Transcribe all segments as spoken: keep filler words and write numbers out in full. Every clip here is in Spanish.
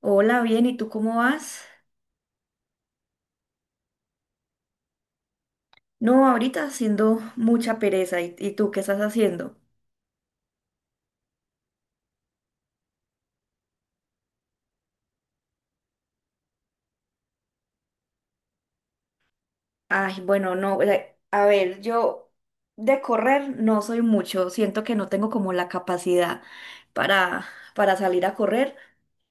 Hola, bien, ¿y tú cómo vas? No, ahorita haciendo mucha pereza. ¿Y, y tú qué estás haciendo? Ay, bueno, no, o sea, a ver, yo de correr no soy mucho. Siento que no tengo como la capacidad para, para salir a correr,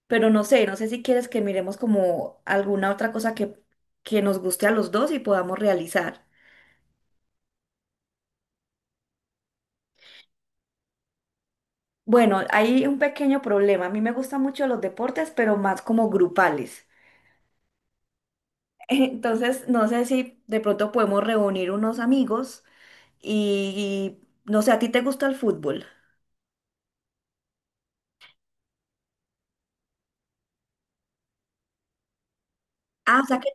pero no sé, no sé si quieres que miremos como alguna otra cosa que, que nos guste a los dos y podamos realizar. Bueno, hay un pequeño problema. A mí me gustan mucho los deportes, pero más como grupales. Entonces, no sé si de pronto podemos reunir unos amigos y, y, no sé, ¿a ti te gusta el fútbol? Ah, o sea que,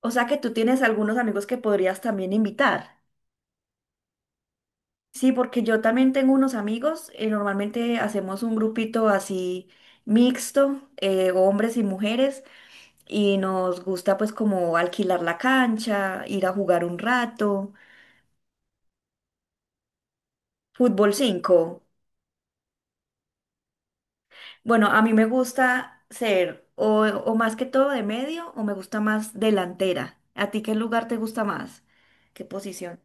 o sea que tú tienes algunos amigos que podrías también invitar. Sí, porque yo también tengo unos amigos, eh, normalmente hacemos un grupito así mixto, eh, hombres y mujeres, y nos gusta pues como alquilar la cancha, ir a jugar un rato, fútbol cinco. Bueno, a mí me gusta ser o, o más que todo de medio o me gusta más delantera. ¿A ti qué lugar te gusta más? ¿Qué posición?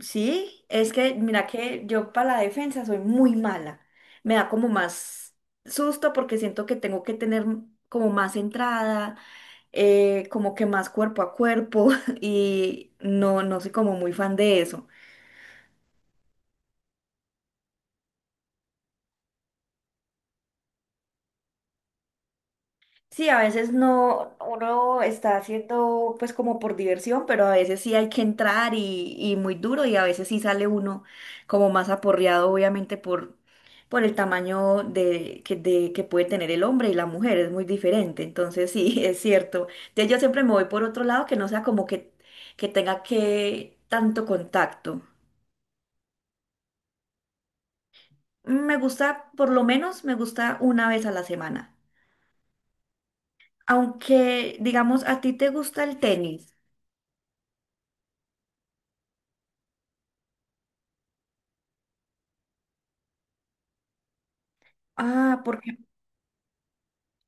Sí, es que mira que yo para la defensa soy muy mala. Me da como más susto porque siento que tengo que tener como más entrada, eh, como que más cuerpo a cuerpo y no, no soy como muy fan de eso. Sí, a veces no, uno está haciendo pues como por diversión, pero a veces sí hay que entrar y, y muy duro y a veces sí sale uno como más aporreado, obviamente por, por el tamaño de que, de que puede tener el hombre y la mujer, es muy diferente, entonces sí, es cierto. Entonces yo siempre me voy por otro lado que no sea como que, que tenga que tanto contacto. Me gusta, por lo menos me gusta una vez a la semana, aunque digamos a ti te gusta el tenis. Ah, porque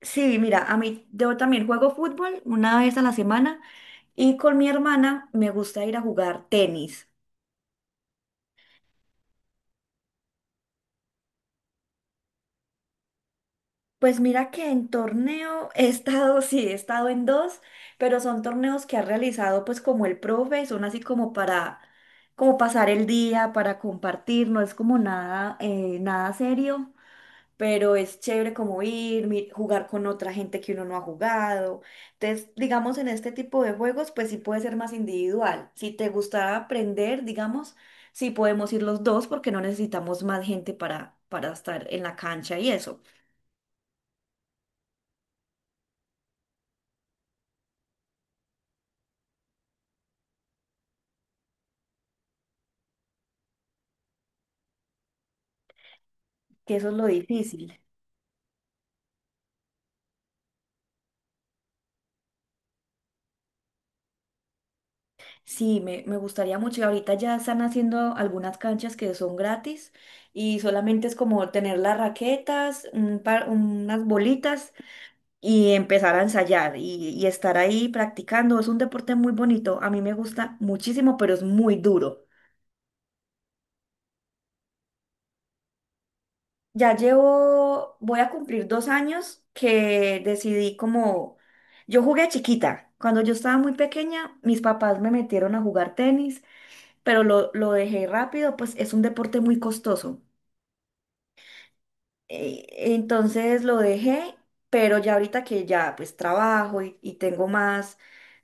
sí, mira, a mí yo también juego fútbol una vez a la semana y con mi hermana me gusta ir a jugar tenis. Pues mira que en torneo he estado, sí, he estado en dos, pero son torneos que ha realizado pues como el profe, son así como para como pasar el día, para compartir, no es como nada, eh, nada serio. Pero es chévere como ir, mi- jugar con otra gente que uno no ha jugado. Entonces, digamos, en este tipo de juegos, pues sí puede ser más individual. Si te gusta aprender, digamos, sí podemos ir los dos porque no necesitamos más gente para, para estar en la cancha y eso, que eso es lo difícil. Sí, me, me gustaría mucho. Y ahorita ya están haciendo algunas canchas que son gratis y solamente es como tener las raquetas, un par- unas bolitas y empezar a ensayar y, y estar ahí practicando. Es un deporte muy bonito, a mí me gusta muchísimo, pero es muy duro. Ya llevo, voy a cumplir dos años que decidí como, yo jugué chiquita. Cuando yo estaba muy pequeña, mis papás me metieron a jugar tenis, pero lo, lo dejé rápido, pues es un deporte muy costoso. Eh, Entonces lo dejé, pero ya ahorita que ya pues trabajo y y tengo más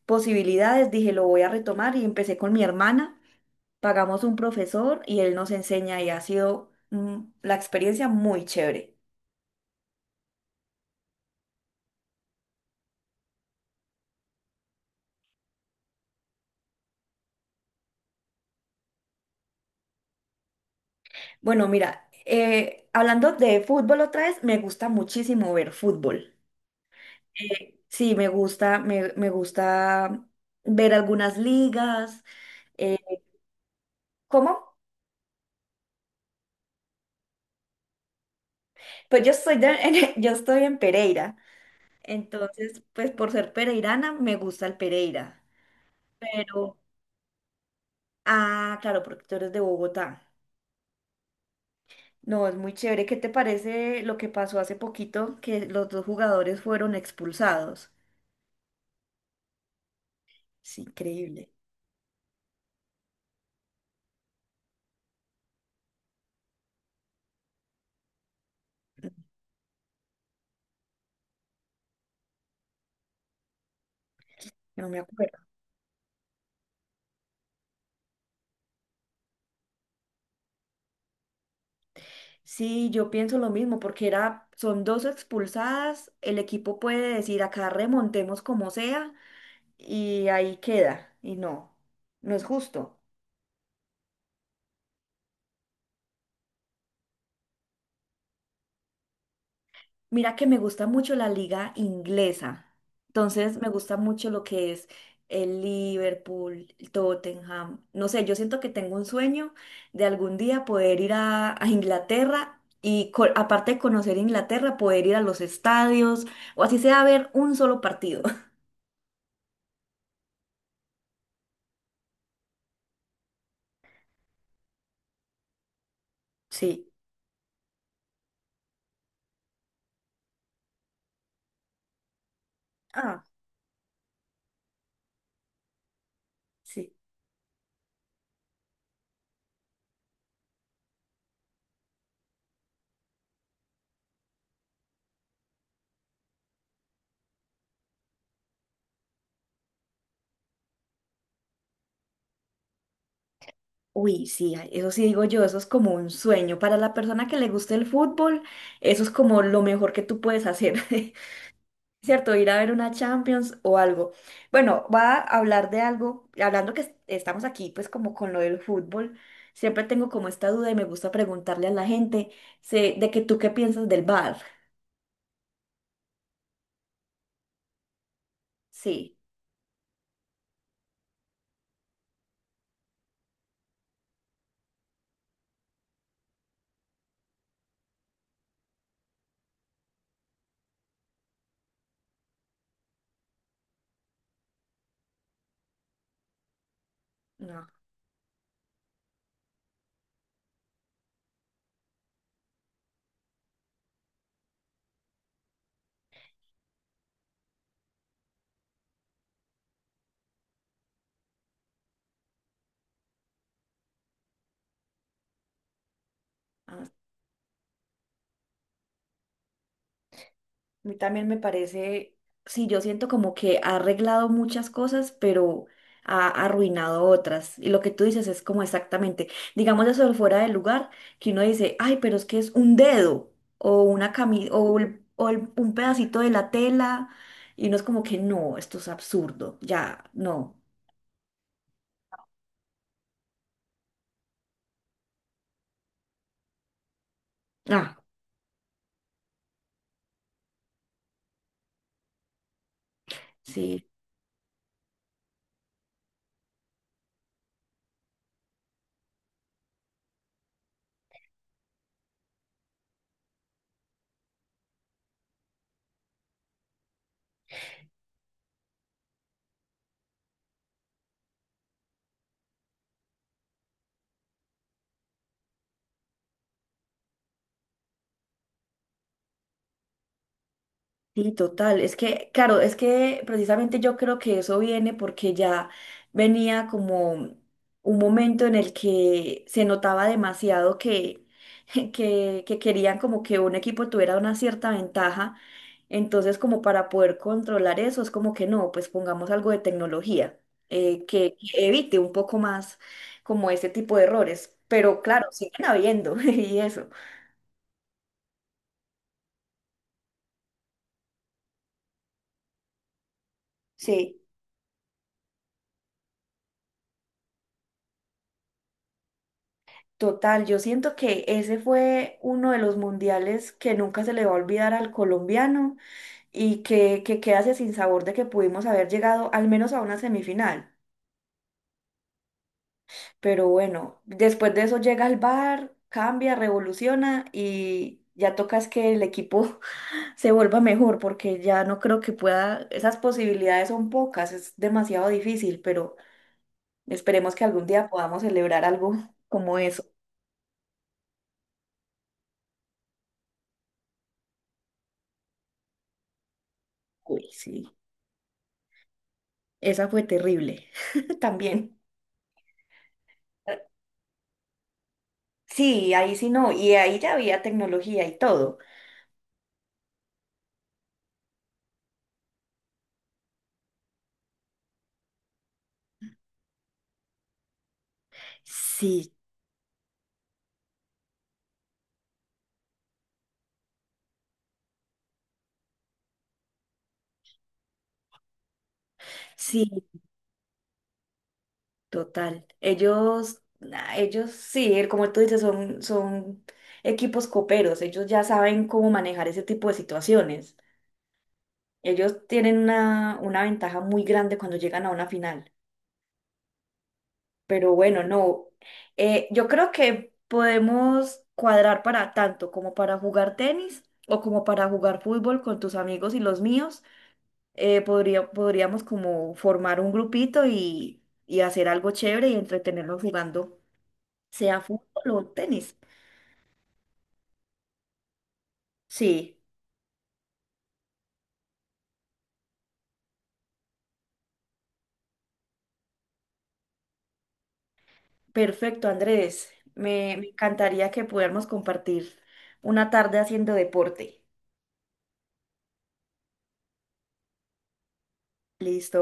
posibilidades, dije, lo voy a retomar y empecé con mi hermana. Pagamos un profesor y él nos enseña y ha sido mm, la experiencia muy chévere. Bueno, mira, eh, hablando de fútbol otra vez, me gusta muchísimo ver fútbol. Eh, sí, me gusta, me, me gusta ver algunas ligas. ¿Eh, cómo? Pues yo estoy, de- yo estoy en Pereira, entonces, pues por ser pereirana, me gusta el Pereira. Pero, ah, claro, porque tú eres de Bogotá. No, es muy chévere. ¿Qué te parece lo que pasó hace poquito, que los dos jugadores fueron expulsados? Es increíble. No me acuerdo. Sí, yo pienso lo mismo, porque era, son dos expulsadas, el equipo puede decir acá remontemos como sea, y ahí queda. Y no, no es justo. Mira que me gusta mucho la liga inglesa. Entonces me gusta mucho lo que es el Liverpool, el Tottenham. No sé, yo siento que tengo un sueño de algún día poder ir a, a Inglaterra y co- aparte de conocer Inglaterra, poder ir a los estadios o así sea a ver un solo partido. Sí. Ah, sí. Uy, sí, ay, eso sí digo yo, eso es como un sueño. Para la persona que le gusta el fútbol, eso es como lo mejor que tú puedes hacer. Cierto, ir a ver una Champions o algo. Bueno, va a hablar de algo, hablando que es- estamos aquí pues como con lo del fútbol, siempre tengo como esta duda y me gusta preguntarle a la gente sé, de que tú qué piensas del V A R. Sí, no. Ah. A mí también me parece, sí, yo siento como que ha arreglado muchas cosas, pero ha arruinado otras. Y lo que tú dices es como exactamente, digamos eso de fuera del lugar, que uno dice, ay, pero es que es un dedo o una cami o, el- o el- un pedacito de la tela. Y uno es como que no, esto es absurdo, ya, no. Ah, sí. Sí, total. Es que, claro, es que precisamente yo creo que eso viene porque ya venía como un momento en el que se notaba demasiado que, que, que querían como que un equipo tuviera una cierta ventaja. Entonces, como para poder controlar eso, es como que no, pues pongamos algo de tecnología eh, que que evite un poco más como este tipo de errores. Pero claro, siguen habiendo y eso. Sí. Total, yo siento que ese fue uno de los mundiales que nunca se le va a olvidar al colombiano y que, que queda ese sinsabor de que pudimos haber llegado al menos a una semifinal. Pero bueno, después de eso llega el bar, cambia, revoluciona y ya toca es que el equipo se vuelva mejor porque ya no creo que pueda, esas posibilidades son pocas, es demasiado difícil, pero esperemos que algún día podamos celebrar algo como eso. Uy, sí, esa fue terrible también. Sí, ahí sí no, y ahí ya había tecnología y todo. Sí, sí, total. Ellos, nah, ellos sí, eh, como tú dices, son, son equipos coperos, ellos ya saben cómo manejar ese tipo de situaciones. Ellos tienen una, una ventaja muy grande cuando llegan a una final. Pero bueno, no. Eh, yo creo que podemos cuadrar para tanto como para jugar tenis o como para jugar fútbol con tus amigos y los míos. eh, podría, podríamos como formar un grupito y, y hacer algo chévere y entretenernos jugando, sea fútbol o tenis. Sí, perfecto, Andrés. Me, me encantaría que pudiéramos compartir una tarde haciendo deporte. Listo.